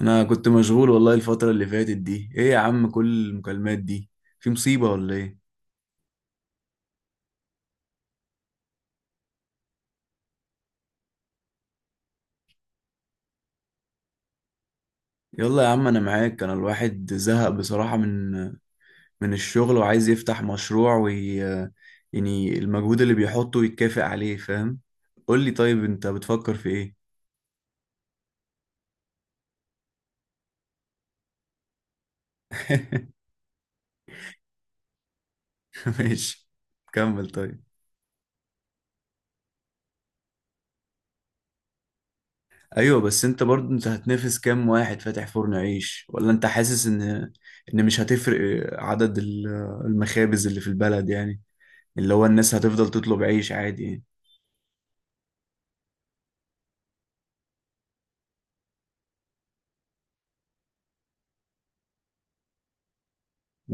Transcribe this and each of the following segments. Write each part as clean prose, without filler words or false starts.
انا كنت مشغول، والله الفترة اللي فاتت دي. ايه يا عم كل المكالمات دي، في مصيبة ولا ايه؟ يلا يا عم انا معاك. انا الواحد زهق بصراحة من الشغل، وعايز يفتح مشروع. وي يعني المجهود اللي بيحطه يتكافئ عليه، فاهم. قول لي طيب انت بتفكر في ايه؟ ماشي، كمل طيب. ايوه، بس انت برضو انت هتنافس كام واحد فاتح فرن عيش؟ ولا انت حاسس ان مش هتفرق عدد المخابز اللي في البلد يعني. اللي هو الناس هتفضل تطلب عيش عادي يعني.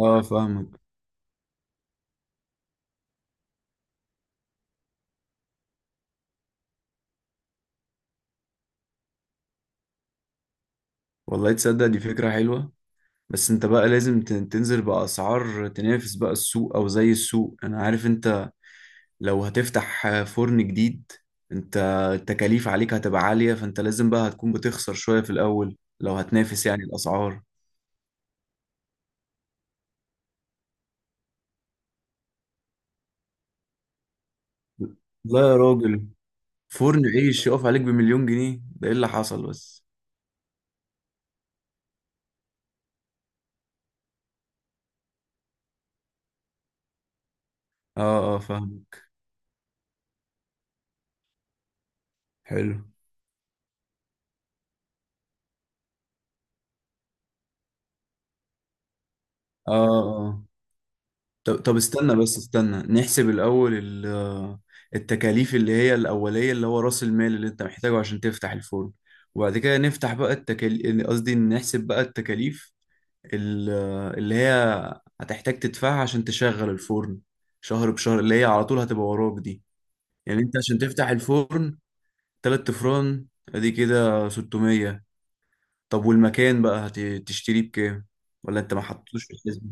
اه، فاهمك. والله تصدق دي فكرة حلوة. بس انت بقى لازم تنزل بأسعار تنافس بقى السوق، او زي السوق. انا عارف انت لو هتفتح فرن جديد، انت التكاليف عليك هتبقى عالية. فانت لازم بقى هتكون بتخسر شوية في الاول لو هتنافس يعني الأسعار. لا يا راجل، فرن عيش يقف عليك بمليون جنيه؟ ده ايه اللي حصل بس. اه اه، فاهم. حلو. اه اه، طب استنى، بس استنى نحسب الأول التكاليف اللي هي الأولية، اللي هو رأس المال اللي أنت محتاجه عشان تفتح الفرن. وبعد كده نفتح بقى التكاليف، قصدي نحسب بقى التكاليف ال- اللي هي هتحتاج تدفعها عشان تشغل الفرن شهر بشهر، اللي هي على طول هتبقى وراك دي. يعني أنت عشان تفتح الفرن 3 أفران، أدي كده 600. طب والمكان بقى هتشتريه بكام، ولا أنت ما حطيتوش في الحسبة؟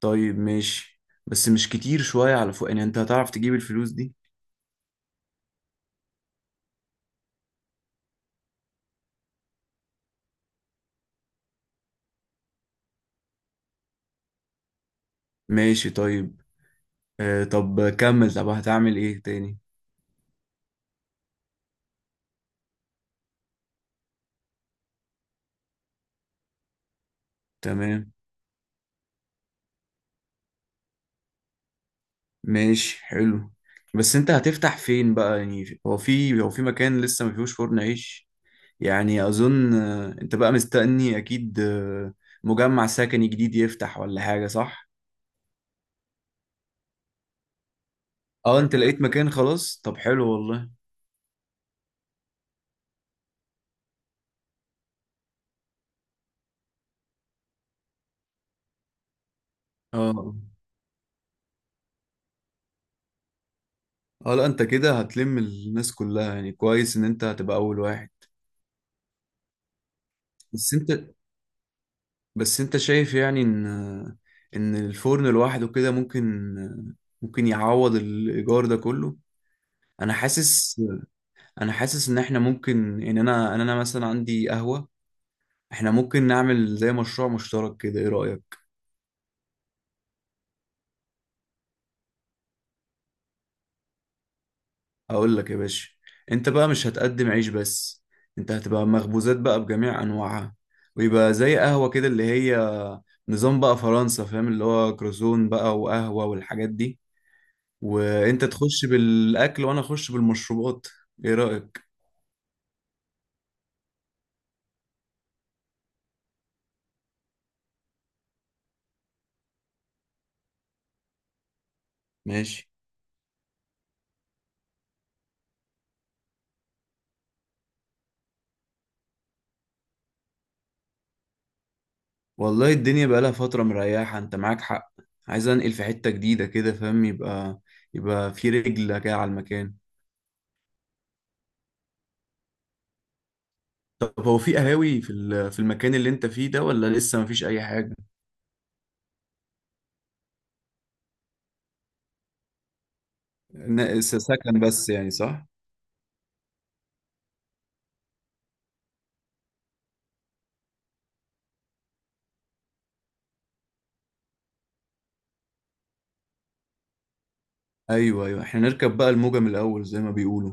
طيب ماشي، بس مش كتير شوية على فوق؟ يعني انت هتعرف تجيب الفلوس دي؟ ماشي طيب. طب كمل، طب هتعمل ايه تاني؟ تمام، ماشي حلو. بس انت هتفتح فين بقى؟ يعني هو في مكان لسه ما فيهوش فرن عيش يعني؟ اظن، انت بقى مستني اكيد مجمع سكني جديد يفتح ولا حاجة، صح؟ اه، انت لقيت مكان خلاص؟ طب حلو والله. اه اه، لا انت كده هتلم الناس كلها يعني. كويس ان انت هتبقى اول واحد. بس انت بس انت شايف يعني ان الفرن لوحده كده ممكن يعوض الايجار ده كله؟ انا حاسس انا حاسس ان احنا ممكن ان انا مثلا عندي قهوة، احنا ممكن نعمل زي مشروع مشترك كده. ايه رأيك؟ اقول لك يا باشا، انت بقى مش هتقدم عيش بس، انت هتبقى مخبوزات بقى بجميع انواعها. ويبقى زي قهوة كده، اللي هي نظام بقى فرنسا، فاهم، اللي هو كروزون بقى وقهوة والحاجات دي. وانت تخش بالاكل وانا اخش بالمشروبات. ايه رأيك؟ ماشي. والله الدنيا بقالها فترة مريحة، انت معاك حق. عايز انقل في حتة جديدة كده، فاهم. يبقى في رجل كده على المكان. طب هو في قهاوي في المكان اللي انت فيه ده، ولا لسه مفيش اي حاجة؟ سكن بس يعني، صح؟ ايوه ايوه، احنا نركب بقى الموجة من الاول زي ما بيقولوا.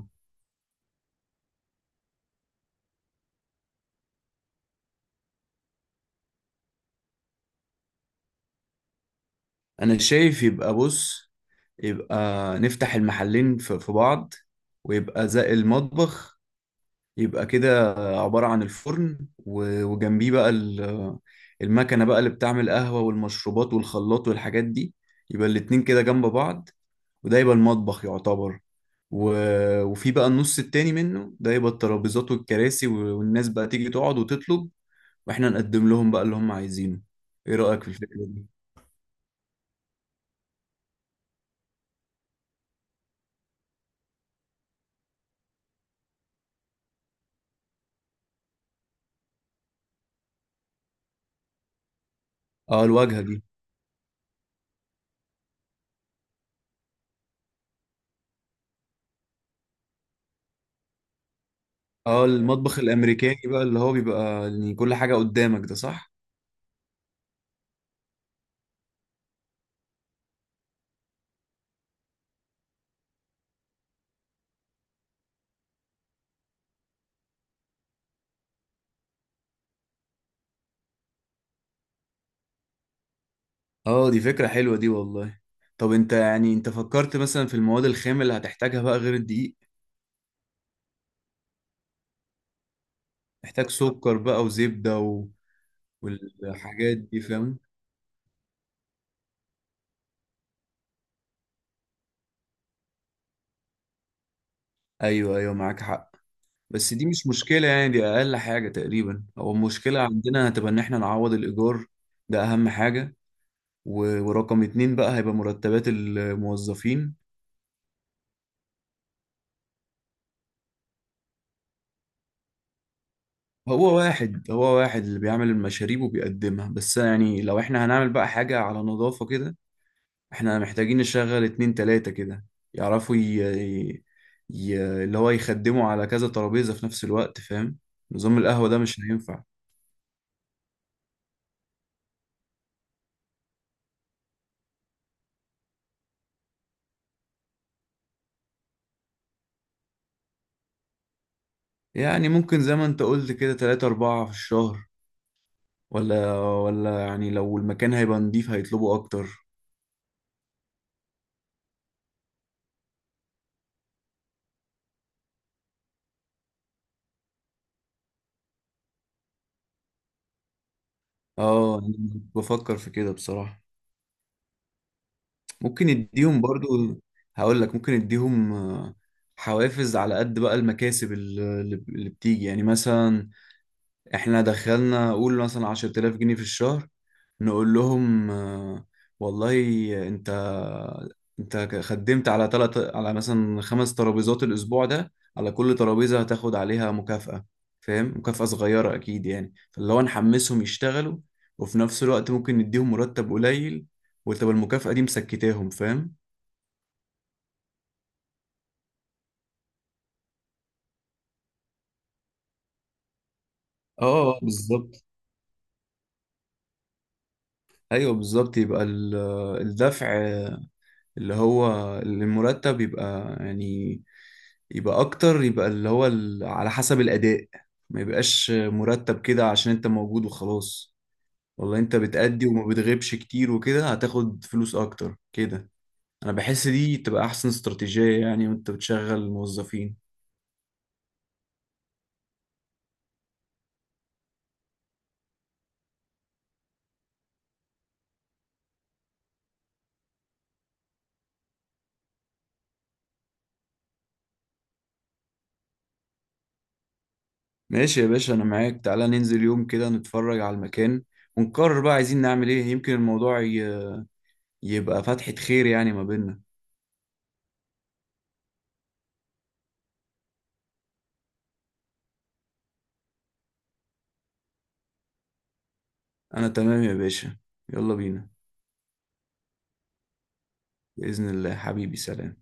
انا شايف يبقى بص، يبقى نفتح المحلين في بعض، ويبقى زي المطبخ. يبقى كده عبارة عن الفرن وجنبيه بقى المكنة بقى اللي بتعمل قهوة والمشروبات والخلاط والحاجات دي. يبقى الاتنين كده جنب بعض، وده يبقى المطبخ يعتبر. وفي بقى النص التاني منه ده، يبقى الترابيزات والكراسي والناس بقى تيجي تقعد وتطلب، واحنا نقدم لهم بقى اللي هم عايزينه. ايه رأيك في الفكرة دي؟ اه، الواجهة دي. اه، المطبخ الأمريكاني بقى، اللي هو بيبقى إن كل حاجة قدامك ده، صح؟ اه، دي فكرة حلوة دي والله. طب انت يعني انت فكرت مثلا في المواد الخام اللي هتحتاجها بقى غير الدقيق؟ محتاج سكر بقى وزبدة والحاجات دي، فاهم. ايوه ايوه، معاك حق. بس دي مش مشكلة يعني، دي اقل حاجة تقريبا. هو المشكلة عندنا هتبقى ان احنا نعوض الايجار. ده اهم حاجة. ورقم اتنين بقى هيبقى مرتبات الموظفين. هو واحد اللي بيعمل المشاريب وبيقدمها بس يعني. لو احنا هنعمل بقى حاجة على نظافة كده، احنا محتاجين نشغل اتنين تلاتة كده، يعرفوا ي... اللي هو يخدموا على كذا ترابيزة في نفس الوقت، فاهم. نظام القهوة ده مش هينفع. يعني ممكن زي ما انت قلت كده، تلاتة أربعة في الشهر؟ ولا يعني لو المكان هيبقى نضيف هيطلبوا أكتر. اه، أنا بفكر في كده بصراحة. ممكن يديهم برضو. هقول لك ممكن يديهم حوافز على قد بقى المكاسب اللي بتيجي. يعني مثلا احنا دخلنا قول مثلا 10000 جنيه في الشهر، نقول لهم، والله انت انت خدمت على تلت، على مثلا 5 ترابيزات الاسبوع ده، على كل ترابيزة هتاخد عليها مكافأة. فاهم؟ مكافأة صغيرة اكيد يعني، فاللي هو نحمسهم يشتغلوا، وفي نفس الوقت ممكن نديهم مرتب قليل، وتبقى المكافأة دي مسكتاهم، فاهم. اه بالظبط. ايوه بالظبط. يبقى الدفع، اللي هو المرتب، يبقى يعني يبقى اكتر، يبقى اللي هو على حسب الاداء. ما يبقاش مرتب كده عشان انت موجود وخلاص. والله انت بتأدي وما بتغيبش كتير وكده هتاخد فلوس اكتر كده. انا بحس دي تبقى احسن استراتيجية يعني وانت بتشغل الموظفين. ماشي يا باشا، انا معاك. تعالى ننزل يوم كده نتفرج على المكان، ونقرر بقى عايزين نعمل ايه. يمكن الموضوع يبقى فتحة خير يعني ما بيننا. انا تمام يا باشا. يلا بينا. بإذن الله حبيبي، سلام.